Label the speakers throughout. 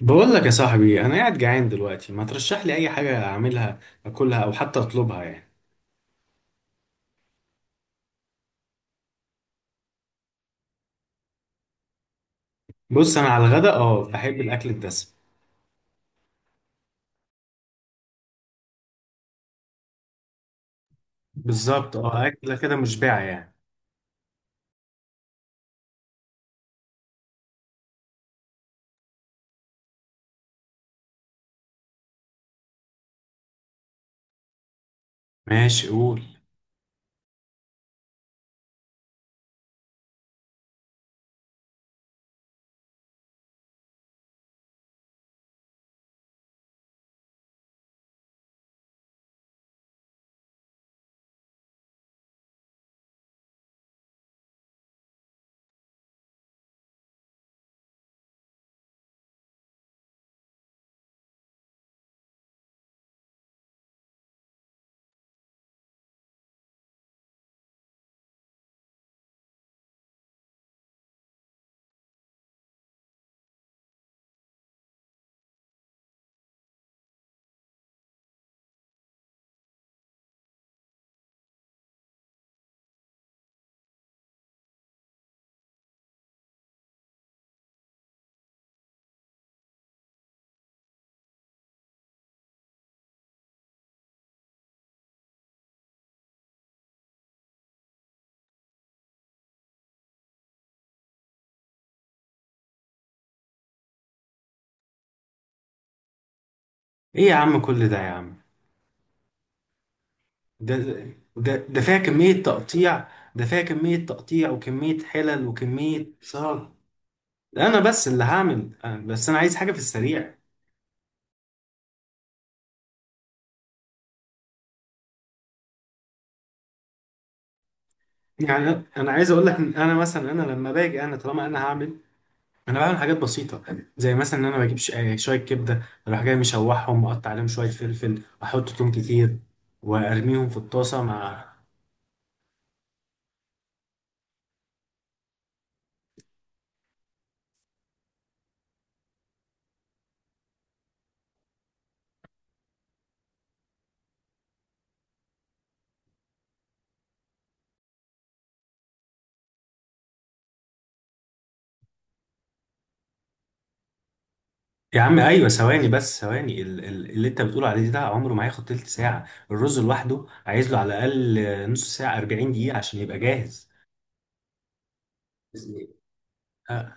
Speaker 1: بقول لك يا صاحبي، انا قاعد جعان دلوقتي، ما ترشح لي اي حاجه اعملها، اكلها او حتى اطلبها يعني. بص، انا على الغدا اه بحب الاكل الدسم. بالظبط، اه اكله كده مشبعه يعني. ماشي، قول. ايه يا عم؟ كل ده يا عم! ده ده فيها كميه تقطيع. ده فيها كميه تقطيع وكميه حلل وكميه صار. انا بس اللي هعمل بس انا عايز حاجه في السريع. يعني انا عايز اقول لك ان انا مثلا انا لما باجي انا طالما انا هعمل، انا بعمل حاجات بسيطه، زي مثلا ان انا بجيب شويه كبده، اروح جاي مشوحهم واقطع عليهم شويه فلفل واحط توم كتير وارميهم في الطاسه مع. يا عم ايوه، ثواني بس، ثواني اللي انت بتقول عليه ده عمره ما هياخد تلت ساعه. الرز لوحده عايز له على الاقل نص ساعه 40 دقيقه عشان يبقى جاهز. آه،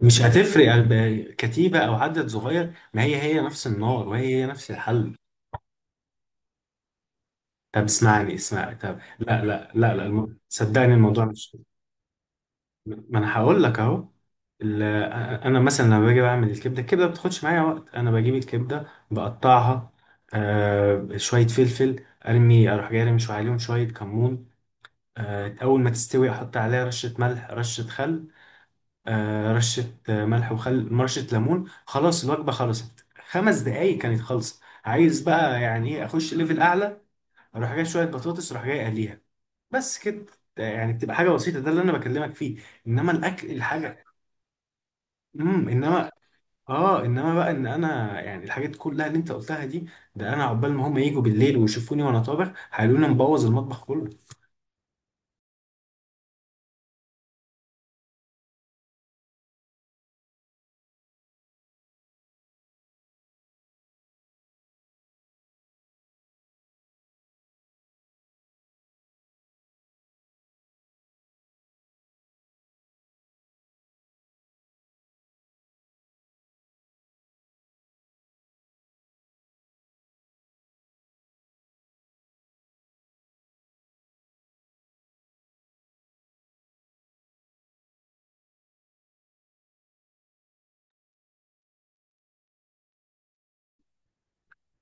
Speaker 1: مش هتفرق كتيبه او عدد صغير، ما هي هي نفس النار وهي هي نفس الحل. طب اسمعني اسمعني، طب لا لا لا لا صدقني الموضوع مش. ما انا هقول لك اهو. ال- انا مثلا لما باجي بعمل الكبده. الكبده ما بتاخدش معايا وقت، انا بجيب الكبده بقطعها. شويه فلفل ارمي، اروح جاي ارمي شويه عليهم شويه كمون. اول ما تستوي احط عليها رشه ملح رشه خل. آه رشه آه، ملح وخل رشه ليمون، خلاص الوجبه خلصت خمس دقايق، كانت خلصت. عايز بقى يعني ايه اخش ليفل اعلى؟ اروح جاي شويه بطاطس اروح جاي اقليها، بس كده. يعني بتبقى حاجه بسيطه، ده اللي انا بكلمك فيه. انما الاكل الحاجه انما اه انما بقى ان انا، يعني الحاجات كلها اللي انت قلتها دي، ده انا عقبال ما هم يجوا بالليل ويشوفوني وانا طابخ هيقولوا لي أنا مبوظ المطبخ كله.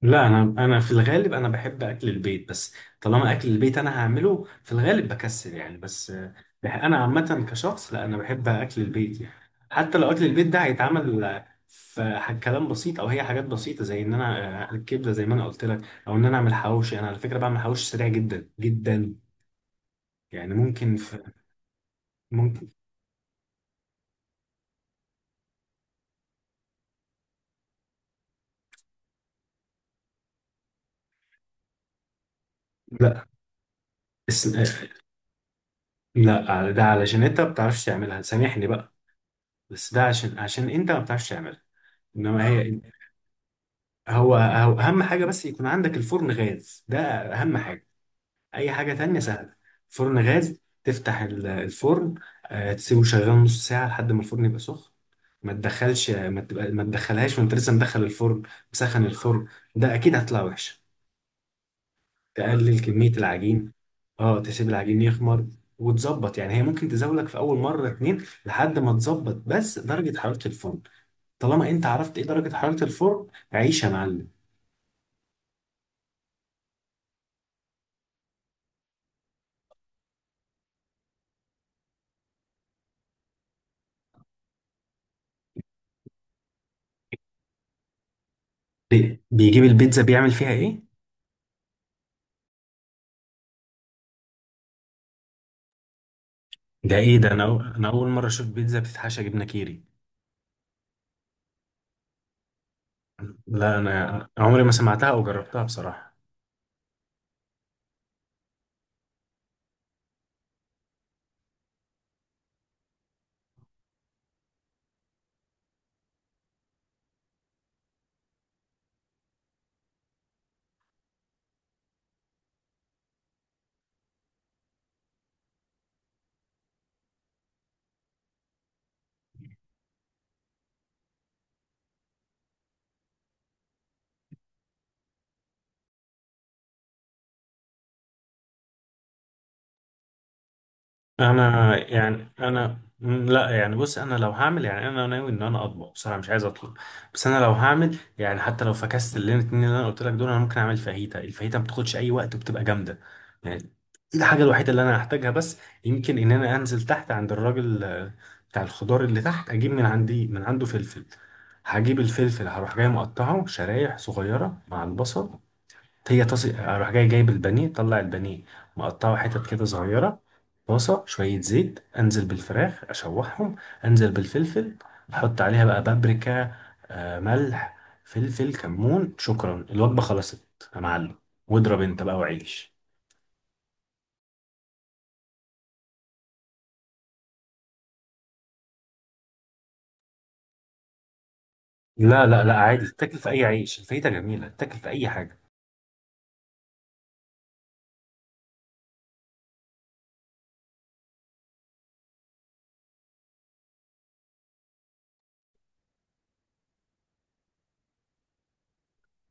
Speaker 1: لا، انا في الغالب انا بحب اكل البيت بس. طالما اكل البيت انا هعمله في الغالب بكسل يعني، بس انا عامه كشخص، لا انا بحب اكل البيت يعني. حتى لو اكل البيت ده هيتعمل، كلام بسيط او هي حاجات بسيطه، زي ان انا، الكبده زي ما انا قلت لك، او ان انا اعمل حواوشي. انا على فكره بعمل حواوشي سريع جدا جدا، يعني ممكن في، ممكن. لا اس... لا ده علشان انت ما بتعرفش تعملها، سامحني بقى. بس ده عشان انت ما بتعرفش تعملها. انما هي هو اهم حاجه، بس يكون عندك الفرن غاز ده اهم حاجه. اي حاجه تانية سهله. فرن غاز، تفتح الفرن، تسيبه شغال نص ساعه لحد ما الفرن يبقى سخن. ما تدخلش ما تبقى ما تدخلهاش وانت لسه مدخل الفرن مسخن الفرن، ده اكيد هتطلع وحشه. تقلل كمية العجين، اه تسيب العجين يخمر. وتظبط، يعني هي ممكن تزاولك في أول مرة اتنين لحد ما تظبط بس درجة حرارة الفرن. طالما أنت عرفت إيه درجة حرارة الفرن، عيش يا معلم. بيجيب البيتزا بيعمل فيها إيه؟ ده إيه ده، أنا أول مرة أشوف بيتزا بتتحشى جبنة كيري. لا أنا عمري ما سمعتها أو جربتها بصراحة. انا يعني انا لا يعني، بص انا لو هعمل يعني انا ناوي ان انا اطبخ بصراحه، مش عايز اطلب. بس انا لو هعمل يعني، حتى لو فكست اللي الاتنين اللي انا قلت لك دول، انا ممكن اعمل فاهيتا. الفاهيتا ما بتاخدش اي وقت وبتبقى جامده يعني. الحاجه الوحيده اللي انا هحتاجها بس، يمكن ان انا انزل تحت عند الراجل بتاع الخضار اللي تحت، اجيب من عنده فلفل. هجيب الفلفل هروح جاي مقطعه شرايح صغيره مع البصل. هي طاسة، اروح جاي جايب البانيه، طلع البانيه مقطعه حتت كده صغيرة. طاسة شوية زيت، انزل بالفراخ اشوحهم، انزل بالفلفل، احط عليها بقى بابريكا، ملح فلفل كمون، شكرا الوجبة خلصت. يا معلم، واضرب انت بقى وعيش. لا لا لا، عادي تاكل في اي عيش، الفايدة جميلة تاكل في اي حاجة.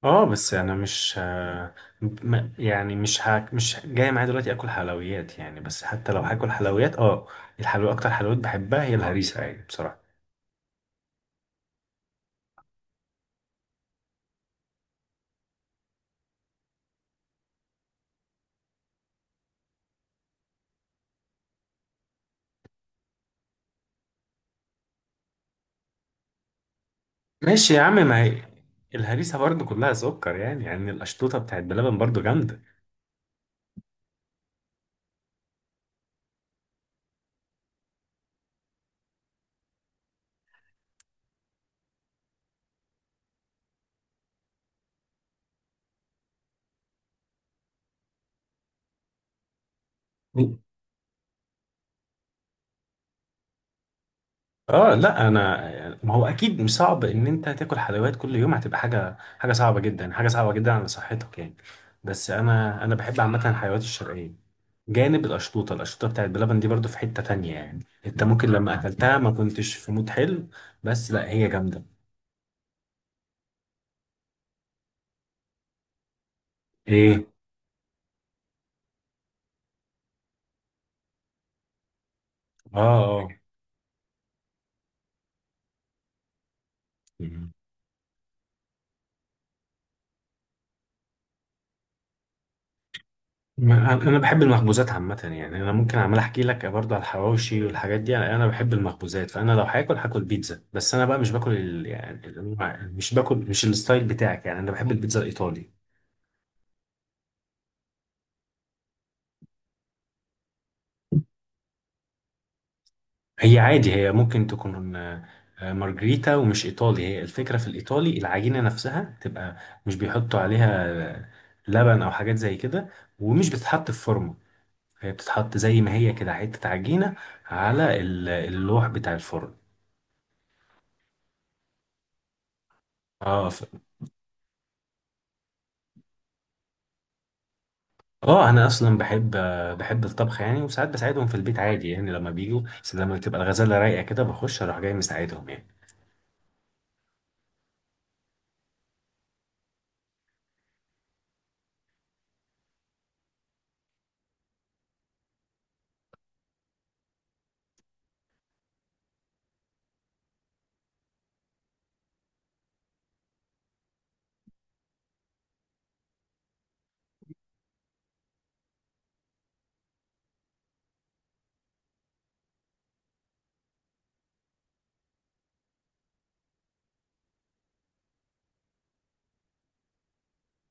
Speaker 1: اه بس انا مش يعني مش جاي معايا دلوقتي اكل حلويات يعني. بس حتى لو هاكل حلويات، اه الحلويات، اكتر حلويات بحبها هي الهريسه يعني بصراحه. ماشي يا عم، ما هي الهريسه برضو كلها سكر يعني، يعني القشطوطه بتاعت بلبن برضو جامده. اه لا، انا ما هو اكيد مش صعب ان انت تاكل حلويات كل يوم، هتبقى حاجه، حاجه صعبه جدا، حاجه صعبه جدا على صحتك يعني. بس انا بحب عامه الحلويات الشرقيه. جانب القشطوطة بتاعت بلبن دي برضو في حتة تانية، يعني انت ممكن لما اكلتها ما كنتش في مود حلو. بس لا هي جامدة. ايه؟ اه اه. مم. انا بحب المخبوزات عامة يعني، انا ممكن عمال احكي لك برضو على الحواوشي والحاجات دي. انا بحب المخبوزات، فانا لو هاكل بيتزا، بس انا بقى مش باكل يعني مش الستايل بتاعك يعني، انا بحب البيتزا الايطالي. هي عادي هي ممكن تكون مارجريتا ومش ايطالي. هي الفكره في الايطالي العجينه نفسها تبقى مش بيحطوا عليها آه، لبن او حاجات زي كده، ومش بتتحط في فرن، هي بتتحط زي ما هي كده حته عجينه على اللوح بتاع الفرن. اه اه انا اصلا بحب، بحب الطبخ يعني، وساعات بساعدهم في البيت عادي يعني لما بيجوا، بس لما بتبقى الغزاله رايقه كده بخش اروح جاي مساعدهم يعني.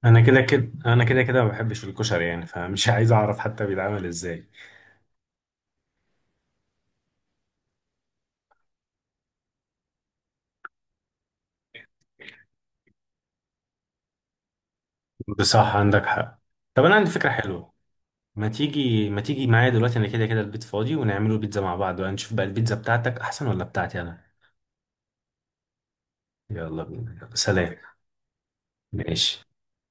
Speaker 1: انا كده كده، ما بحبش الكشري يعني فمش عايز اعرف حتى بيتعمل ازاي. بصح عندك حق. طب انا عندي فكره حلوه، ما تيجي ما تيجي معايا دلوقتي، انا كده كده البيت فاضي، ونعمله بيتزا مع بعض بقى نشوف بقى البيتزا بتاعتك احسن ولا بتاعتي انا. يلا بينا يلا. سلام. ماشي.